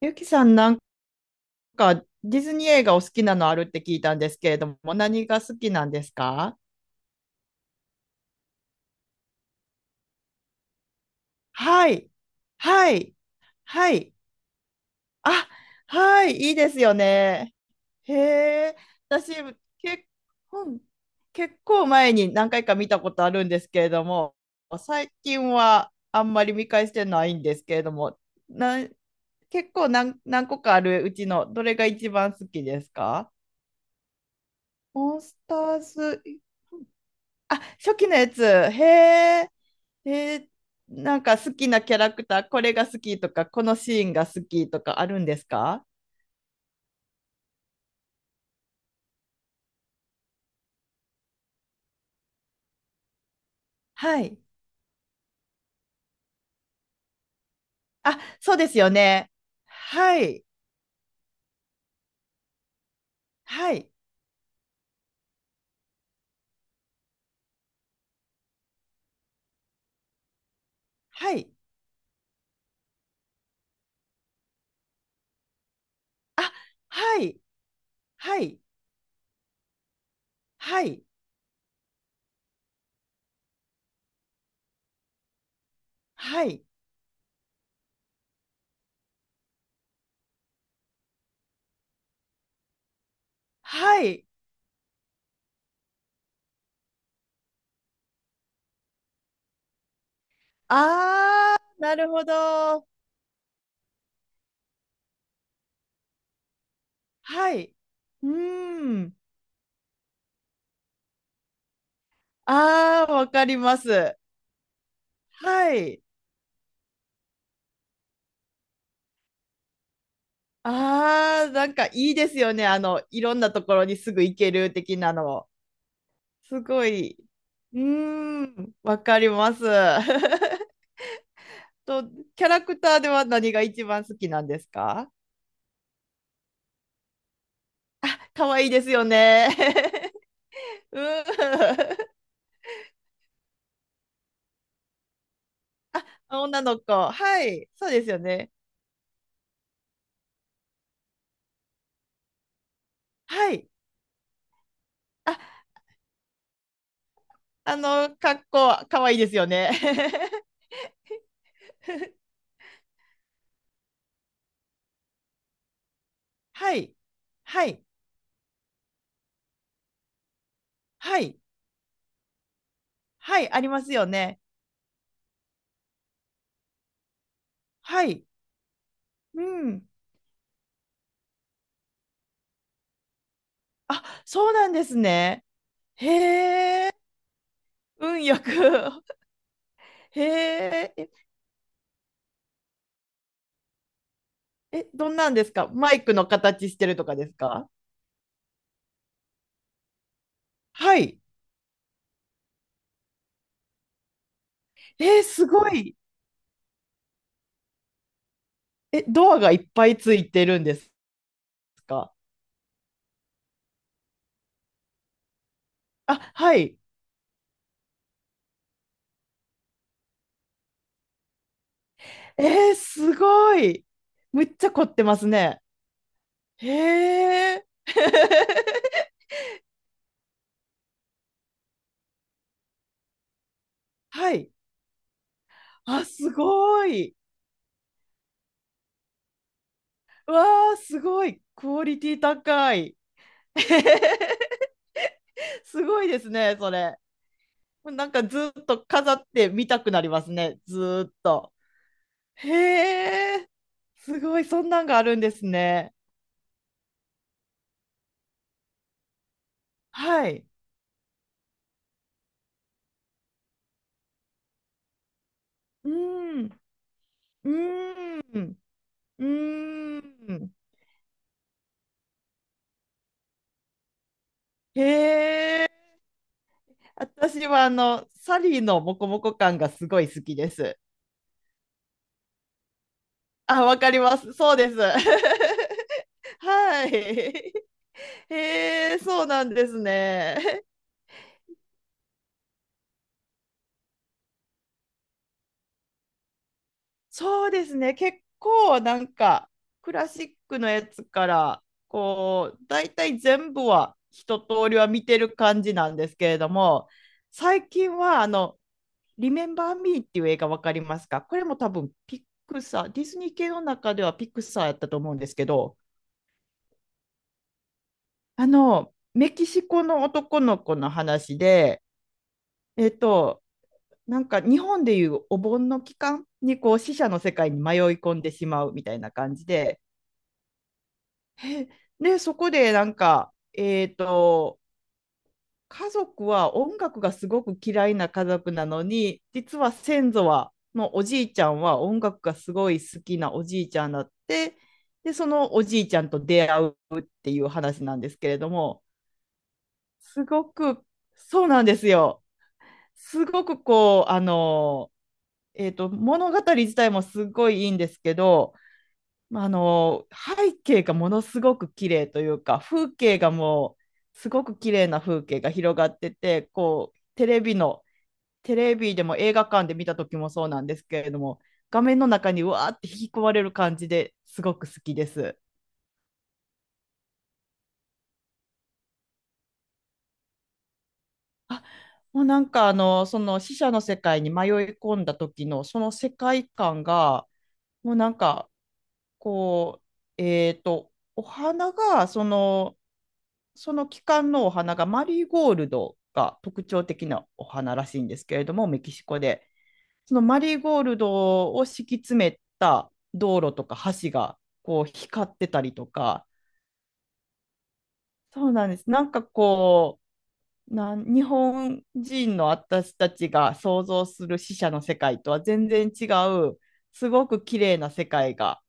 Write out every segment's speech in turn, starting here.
ゆきさん、なんかディズニー映画お好きなのあるって聞いたんですけれども、何が好きなんですか？はい。はい。はい。あ、はい。いいですよね。へえ。私、結婚、結構前に何回か見たことあるんですけれども、最近はあんまり見返してないんですけれども、な、結構何個かあるうちのどれが一番好きですか？モンスターズ。あ、初期のやつ。へえ。えなんか好きなキャラクター、これが好きとか、このシーンが好きとかあるんですか？はい。あ、そうですよね。はい。はい。はい。あ、はい。はい。はい。はい。はい。あー、なるほど。はい。うーん。あー、わかります。はい。ああ、なんかいいですよね。あの、いろんなところにすぐ行ける的なの。すごい。うーん、わかります。と、キャラクターでは何が一番好きなんですか？可愛いですよね。うん。女の子。はい。そうですよね。はい。あ、あの、格好、可愛いですよね。はい。はい。はい。はい。ありますよね。はい。うん。あ、そうなんですね。へえ、運よく。へえ、え、え、どんなんですか、マイクの形してるとかですか？はい。えー、すごい。え、ドアがいっぱいついてるんですか？あ、はい。えー、すごい。むっちゃ凝ってますね。へえ。はい。あ、すごい。わあ、すごい。クオリティ高い。すごいですね、それ。なんかずっと飾って見たくなりますね、ずーっと。へえ、すごい、そんなんがあるんですね。はい。うーん、うーん、うーん。へえ、私はあの、サリーのモコモコ感がすごい好きです。あ、わかります。そうです。はい。へえ、そうなんですね。そうですね、結構なんかクラシックのやつからこう大体全部は一通りは見てる感じなんですけれども、最近はあの「リメンバー・ミー」っていう映画わかりますか？これも多分ピクサー、ディズニー系の中ではピクサーやったと思うんですけど、あのメキシコの男の子の話で、えっとなんか日本でいうお盆の期間にこう死者の世界に迷い込んでしまうみたいな感じで、で、そこでなんか、家族は音楽がすごく嫌いな家族なのに、実は先祖は、のおじいちゃんは音楽がすごい好きなおじいちゃんだって、で、そのおじいちゃんと出会うっていう話なんですけれども、すごく、そうなんですよ。すごくこう、あの、物語自体もすごいいいんですけど、まああの背景がものすごく綺麗というか、風景がもうすごく綺麗な風景が広がってて、こうテレビでも映画館で見た時もそうなんですけれども、画面の中にうわーって引き込まれる感じですごく好きです。あ、もうなんかあのその死者の世界に迷い込んだ時のその世界観が、もうなんかこうお花がその、その期間のお花がマリーゴールドが特徴的なお花らしいんですけれども、メキシコで。そのマリーゴールドを敷き詰めた道路とか、橋がこう光ってたりとか、そうなんです。なんかこう、日本人の私たちが想像する死者の世界とは全然違う、すごく綺麗な世界が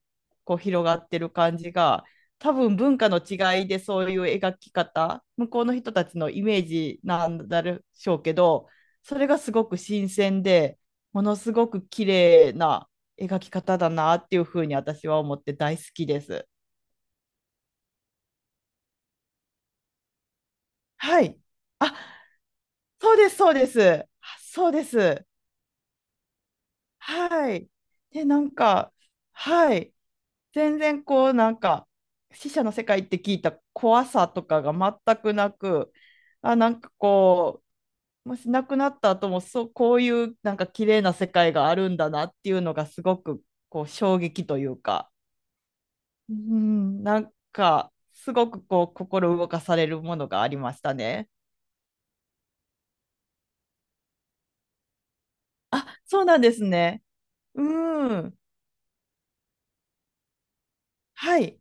こう広がってる感じが、多分文化の違いでそういう描き方、向こうの人たちのイメージなんだでしょうけど、それがすごく新鮮で、ものすごく綺麗な描き方だなっていうふうに私は思って大好きです。はい。あ、そうです、そうです。あ、そうです。はい。で、なんか、はい。全然こう、なんか、死者の世界って聞いた怖さとかが全くなく、あ、なんかこう、もし亡くなった後も、そう、こういうなんか綺麗な世界があるんだなっていうのがすごくこう衝撃というか、うん、なんか、すごくこう、心動かされるものがありましたね。あ、そうなんですね。うん。はい。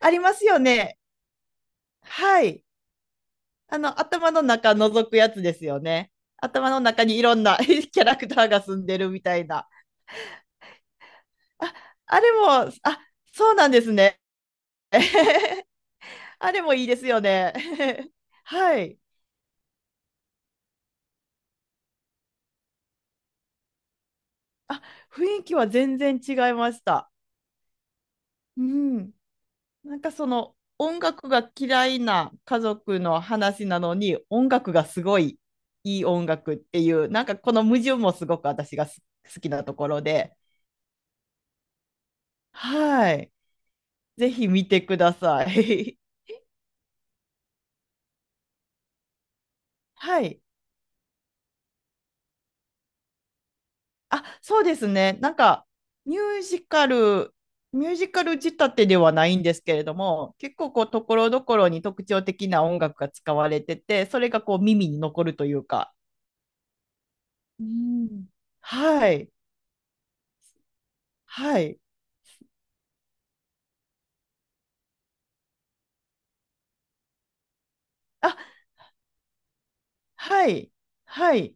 ありますよね。はい。あの、頭の中覗くやつですよね。頭の中にいろんな キャラクターが住んでるみたいな。あ、あれも、あ、そうなんですね。あれもいいですよね。はい。あ、雰囲気は全然違いました。うん。なんかその音楽が嫌いな家族の話なのに、音楽がすごいいい音楽っていう、なんかこの矛盾もすごく私が好きなところで、はい。ぜひ見てください。はい。あ、そうですね。なんか、ミュージカル、ミュージカル仕立てではないんですけれども、結構こう、ところどころに特徴的な音楽が使われてて、それがこう、耳に残るというか。うん。はい。はい。あ、はい。はい。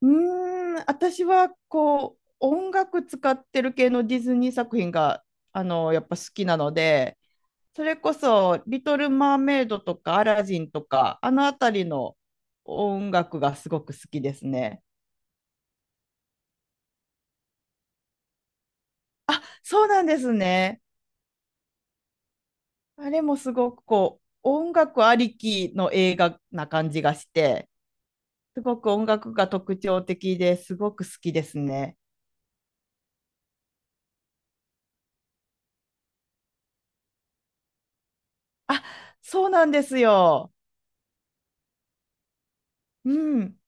うーん、私はこう、音楽使ってる系のディズニー作品が、あの、やっぱ好きなので、それこそ、リトル・マーメイドとか、アラジンとか、あのあたりの音楽がすごく好きですね。そうなんですね。あれもすごくこう、音楽ありきの映画な感じがして、すごく音楽が特徴的ですごく好きですね。そうなんですよ。うん。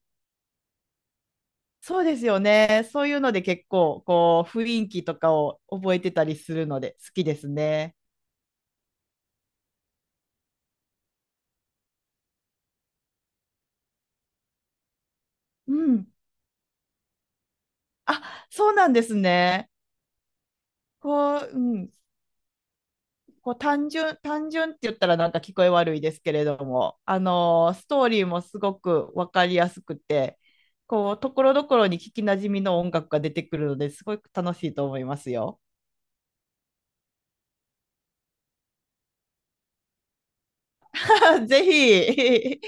そうですよね。そういうので結構、こう、雰囲気とかを覚えてたりするので好きですね。うん。あ、そうなんですね。こう、うん、こう単純って言ったらなんか聞こえ悪いですけれども、ストーリーもすごく分かりやすくて、こう、ところどころに聞きなじみの音楽が出てくるのですごく楽しいと思いますよ。ぜひ